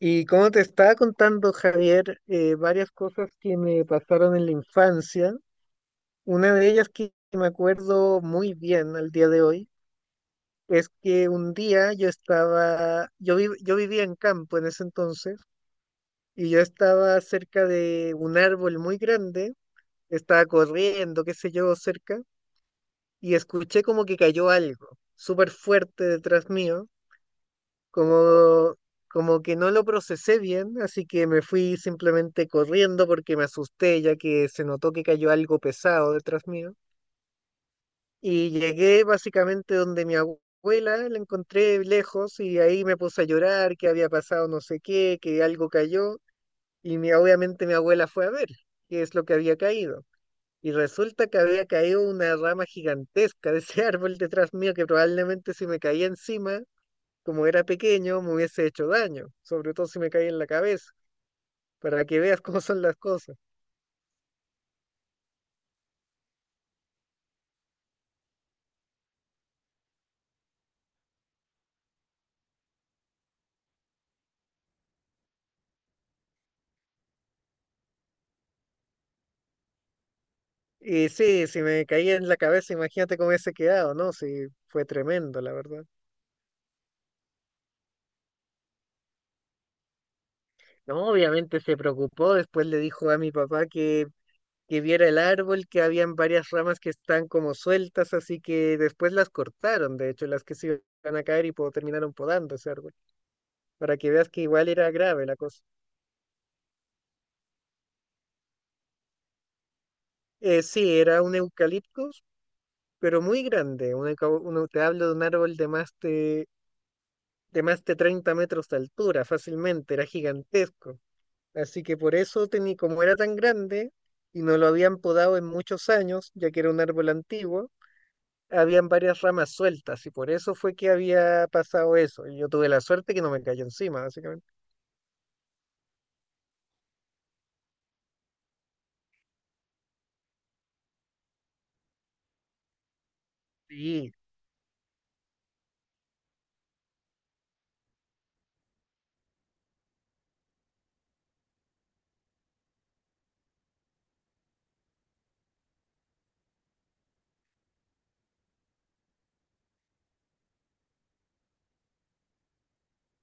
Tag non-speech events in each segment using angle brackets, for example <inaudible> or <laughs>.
Y como te estaba contando, Javier, varias cosas que me pasaron en la infancia. Una de ellas que me acuerdo muy bien al día de hoy es que un día yo estaba, yo, vi- yo vivía en campo en ese entonces y yo estaba cerca de un árbol muy grande, estaba corriendo, qué sé yo, cerca, y escuché como que cayó algo súper fuerte detrás mío. como, como que no lo procesé bien, así que me fui simplemente corriendo porque me asusté ya que se notó que cayó algo pesado detrás mío. Y llegué básicamente donde mi abuela, la encontré lejos y ahí me puse a llorar, que había pasado no sé qué, que algo cayó. Y obviamente mi abuela fue a ver qué es lo que había caído. Y resulta que había caído una rama gigantesca de ese <laughs> árbol detrás mío que probablemente, si me caía encima, como era pequeño, me hubiese hecho daño, sobre todo si me caía en la cabeza, para que veas <laughs> cómo son las cosas. Y sí, si me caía en la cabeza, imagínate cómo hubiese quedado, ¿no? Sí, fue tremendo, la verdad. No, obviamente se preocupó, después le dijo a mi papá que viera el árbol, que habían varias ramas que están como sueltas, así que después las cortaron, de hecho, las que se iban a caer y terminaron podando ese árbol, para que veas que igual era grave la cosa. Sí, era un eucalipto, pero muy grande. Te hablo de un árbol de más de, 30 metros de altura, fácilmente, era gigantesco. Así que por eso, como era tan grande y no lo habían podado en muchos años, ya que era un árbol antiguo, habían varias ramas sueltas y por eso fue que había pasado eso. Y yo tuve la suerte que no me cayó encima, básicamente. Sí,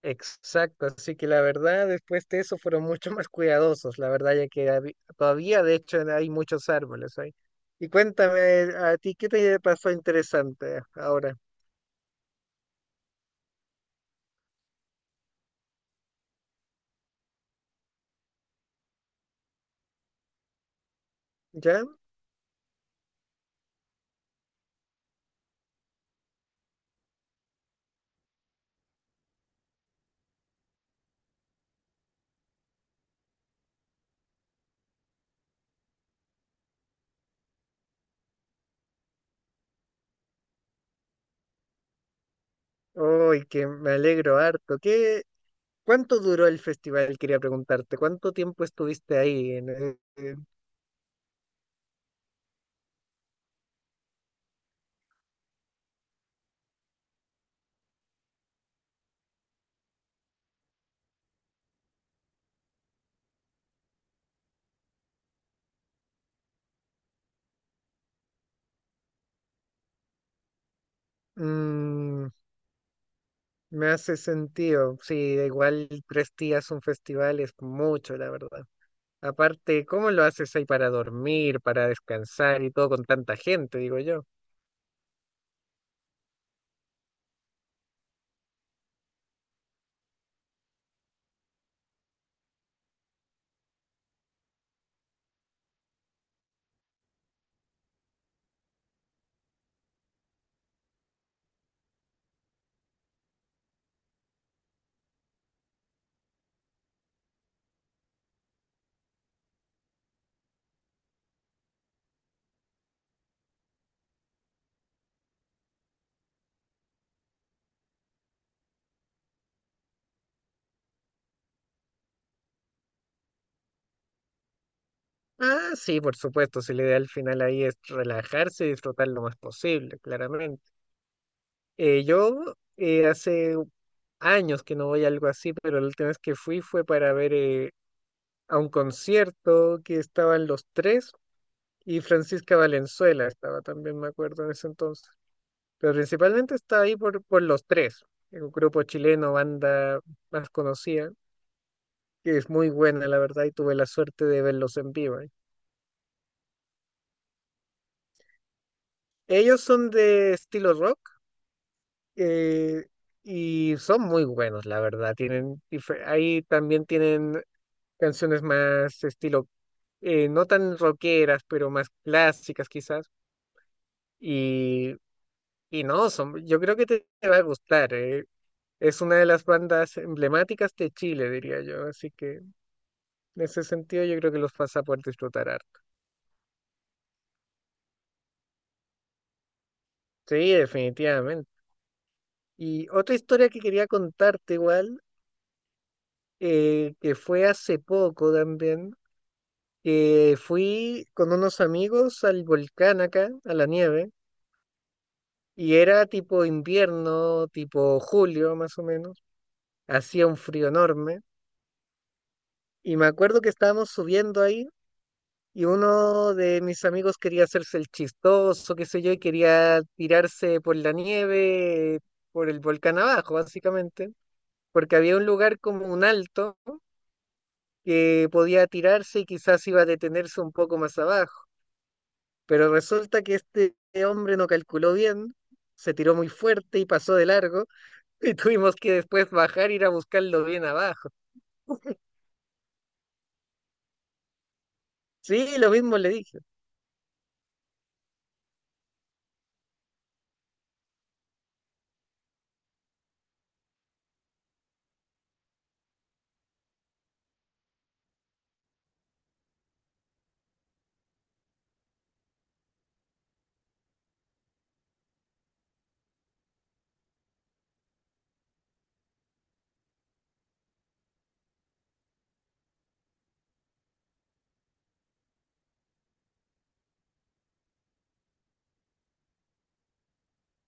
exacto, así que la verdad después de eso fueron mucho más cuidadosos, la verdad ya que todavía de hecho hay muchos árboles ahí. Y cuéntame a ti, ¿qué te pasó interesante ahora? ¿Ya? Uy, que me alegro harto. ¿Cuánto duró el festival? Quería preguntarte, ¿cuánto tiempo estuviste ahí? Mm, Me hace sentido, sí, igual 3 días un festival es mucho, la verdad. Aparte, ¿cómo lo haces ahí para dormir, para descansar y todo con tanta gente, digo yo? Ah, sí, por supuesto, si la idea al final ahí es relajarse y disfrutar lo más posible, claramente. Yo hace años que no voy a algo así, pero la última vez que fui fue para ver, a un concierto que estaban Los Tres, y Francisca Valenzuela estaba también, me acuerdo, en ese entonces. Pero principalmente estaba ahí por Los Tres, un grupo chileno, banda más conocida, que es muy buena, la verdad, y tuve la suerte de verlos en vivo, ¿eh? Ellos son de estilo rock, eh, y son muy buenos, la verdad. Ahí también tienen canciones más estilo, no tan rockeras, pero más clásicas quizás. Y, y no, son, yo creo que te va a gustar. Es una de las bandas emblemáticas de Chile, diría yo. Así que en ese sentido yo creo que los vas a poder disfrutar harto. Sí, definitivamente. Y otra historia que quería contarte igual, que fue hace poco también, que fui con unos amigos al volcán acá, a la nieve, y era tipo invierno, tipo julio más o menos, hacía un frío enorme, y me acuerdo que estábamos subiendo ahí, y uno de mis amigos quería hacerse el chistoso, qué sé yo, y quería tirarse por la nieve, por el volcán abajo, básicamente, porque había un lugar como un alto que podía tirarse y quizás iba a detenerse un poco más abajo. Pero resulta que este hombre no calculó bien, se tiró muy fuerte y pasó de largo <laughs> y tuvimos que después bajar e ir a buscarlo bien abajo. <laughs> Sí, lo mismo le dije.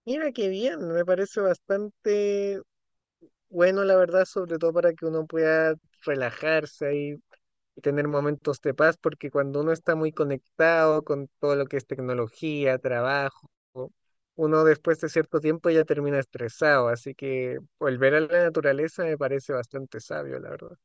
Mira qué bien, me parece bastante bueno, la verdad, sobre todo para que uno pueda relajarse ahí y tener momentos de paz, porque cuando uno está muy conectado con todo lo que es tecnología, trabajo, uno después de cierto tiempo ya termina estresado, así que volver a la naturaleza me parece bastante sabio, la verdad.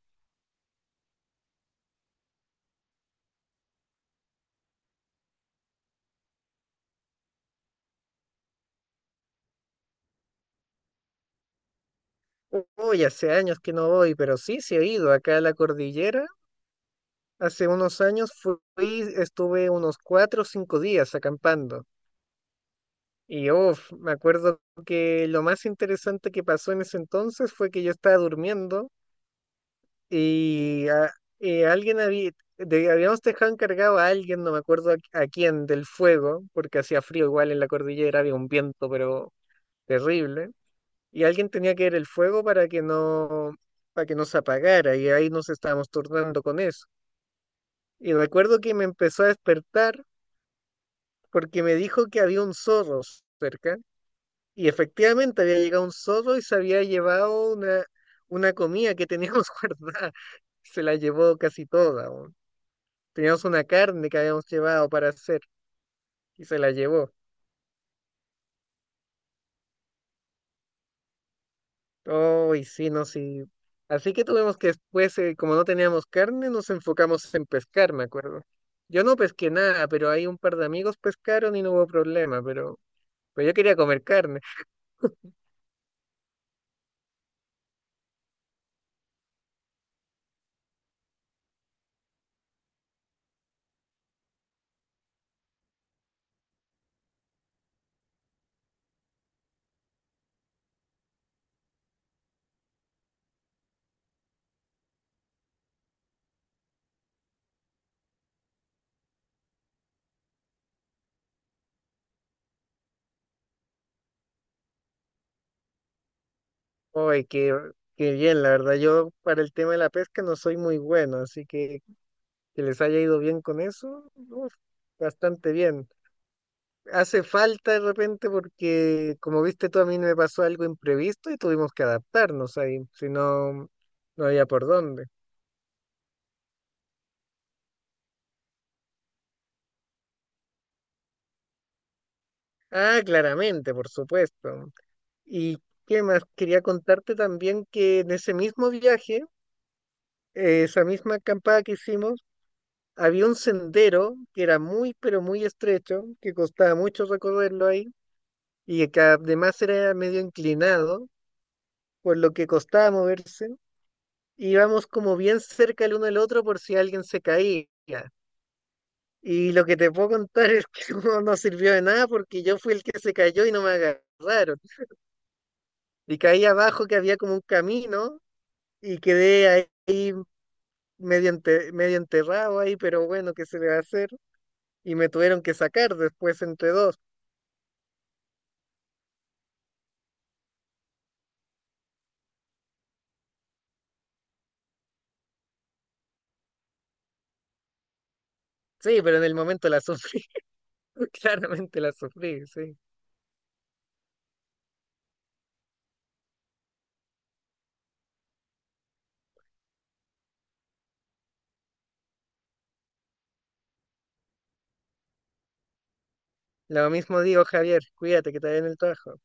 Uy, hace años que no voy, pero sí, sí he ido acá a la cordillera. Hace unos años fui, estuve unos 4 o 5 días acampando. Y uf, me acuerdo que lo más interesante que pasó en ese entonces fue que yo estaba durmiendo. Y ah, eh, alguien había, habíamos dejado encargado a alguien, no me acuerdo a quién, del fuego, porque hacía frío igual en la cordillera, había un viento, pero terrible. Y alguien tenía que ver el fuego para que no se apagara, y ahí nos estábamos turnando con eso. Y recuerdo que me empezó a despertar porque me dijo que había un zorro cerca, y efectivamente había llegado un zorro y se había llevado una comida que teníamos <laughs> guardada. Se la llevó casi toda. Teníamos una carne que habíamos llevado para hacer, y se la llevó. Oh, y sí, no, sí. Así que tuvimos que después, como no teníamos carne, nos enfocamos en pescar, me acuerdo. Yo no pesqué nada, pero hay un par de amigos pescaron y no hubo problema, pero, yo quería comer carne. Ay, qué bien, la verdad. Yo para el tema de la pesca no soy muy bueno, así que les haya ido bien con eso, uf, bastante bien. Hace falta de repente porque, como viste tú, a mí me pasó algo imprevisto y tuvimos que adaptarnos ahí, si no, no había por dónde. Ah, claramente, por supuesto. ¿Y qué más? Quería contarte también que en ese mismo viaje, esa misma acampada que hicimos, había un sendero que era muy, pero muy estrecho, que costaba mucho recorrerlo ahí y que además era medio inclinado, por lo que costaba moverse. Íbamos como bien cerca el uno del otro por si alguien se caía. Y lo que te puedo contar es que <laughs> no, no sirvió de nada porque yo fui el que se cayó y no me agarraron. Y caí abajo, que había como un camino, y quedé ahí medio enterrado ahí, pero bueno, ¿qué se le va a hacer? Y me tuvieron que sacar después entre dos. Sí, pero en el momento la sufrí, <laughs> claramente la sufrí, sí. Lo mismo digo, Javier, cuídate que te vaya en el trabajo.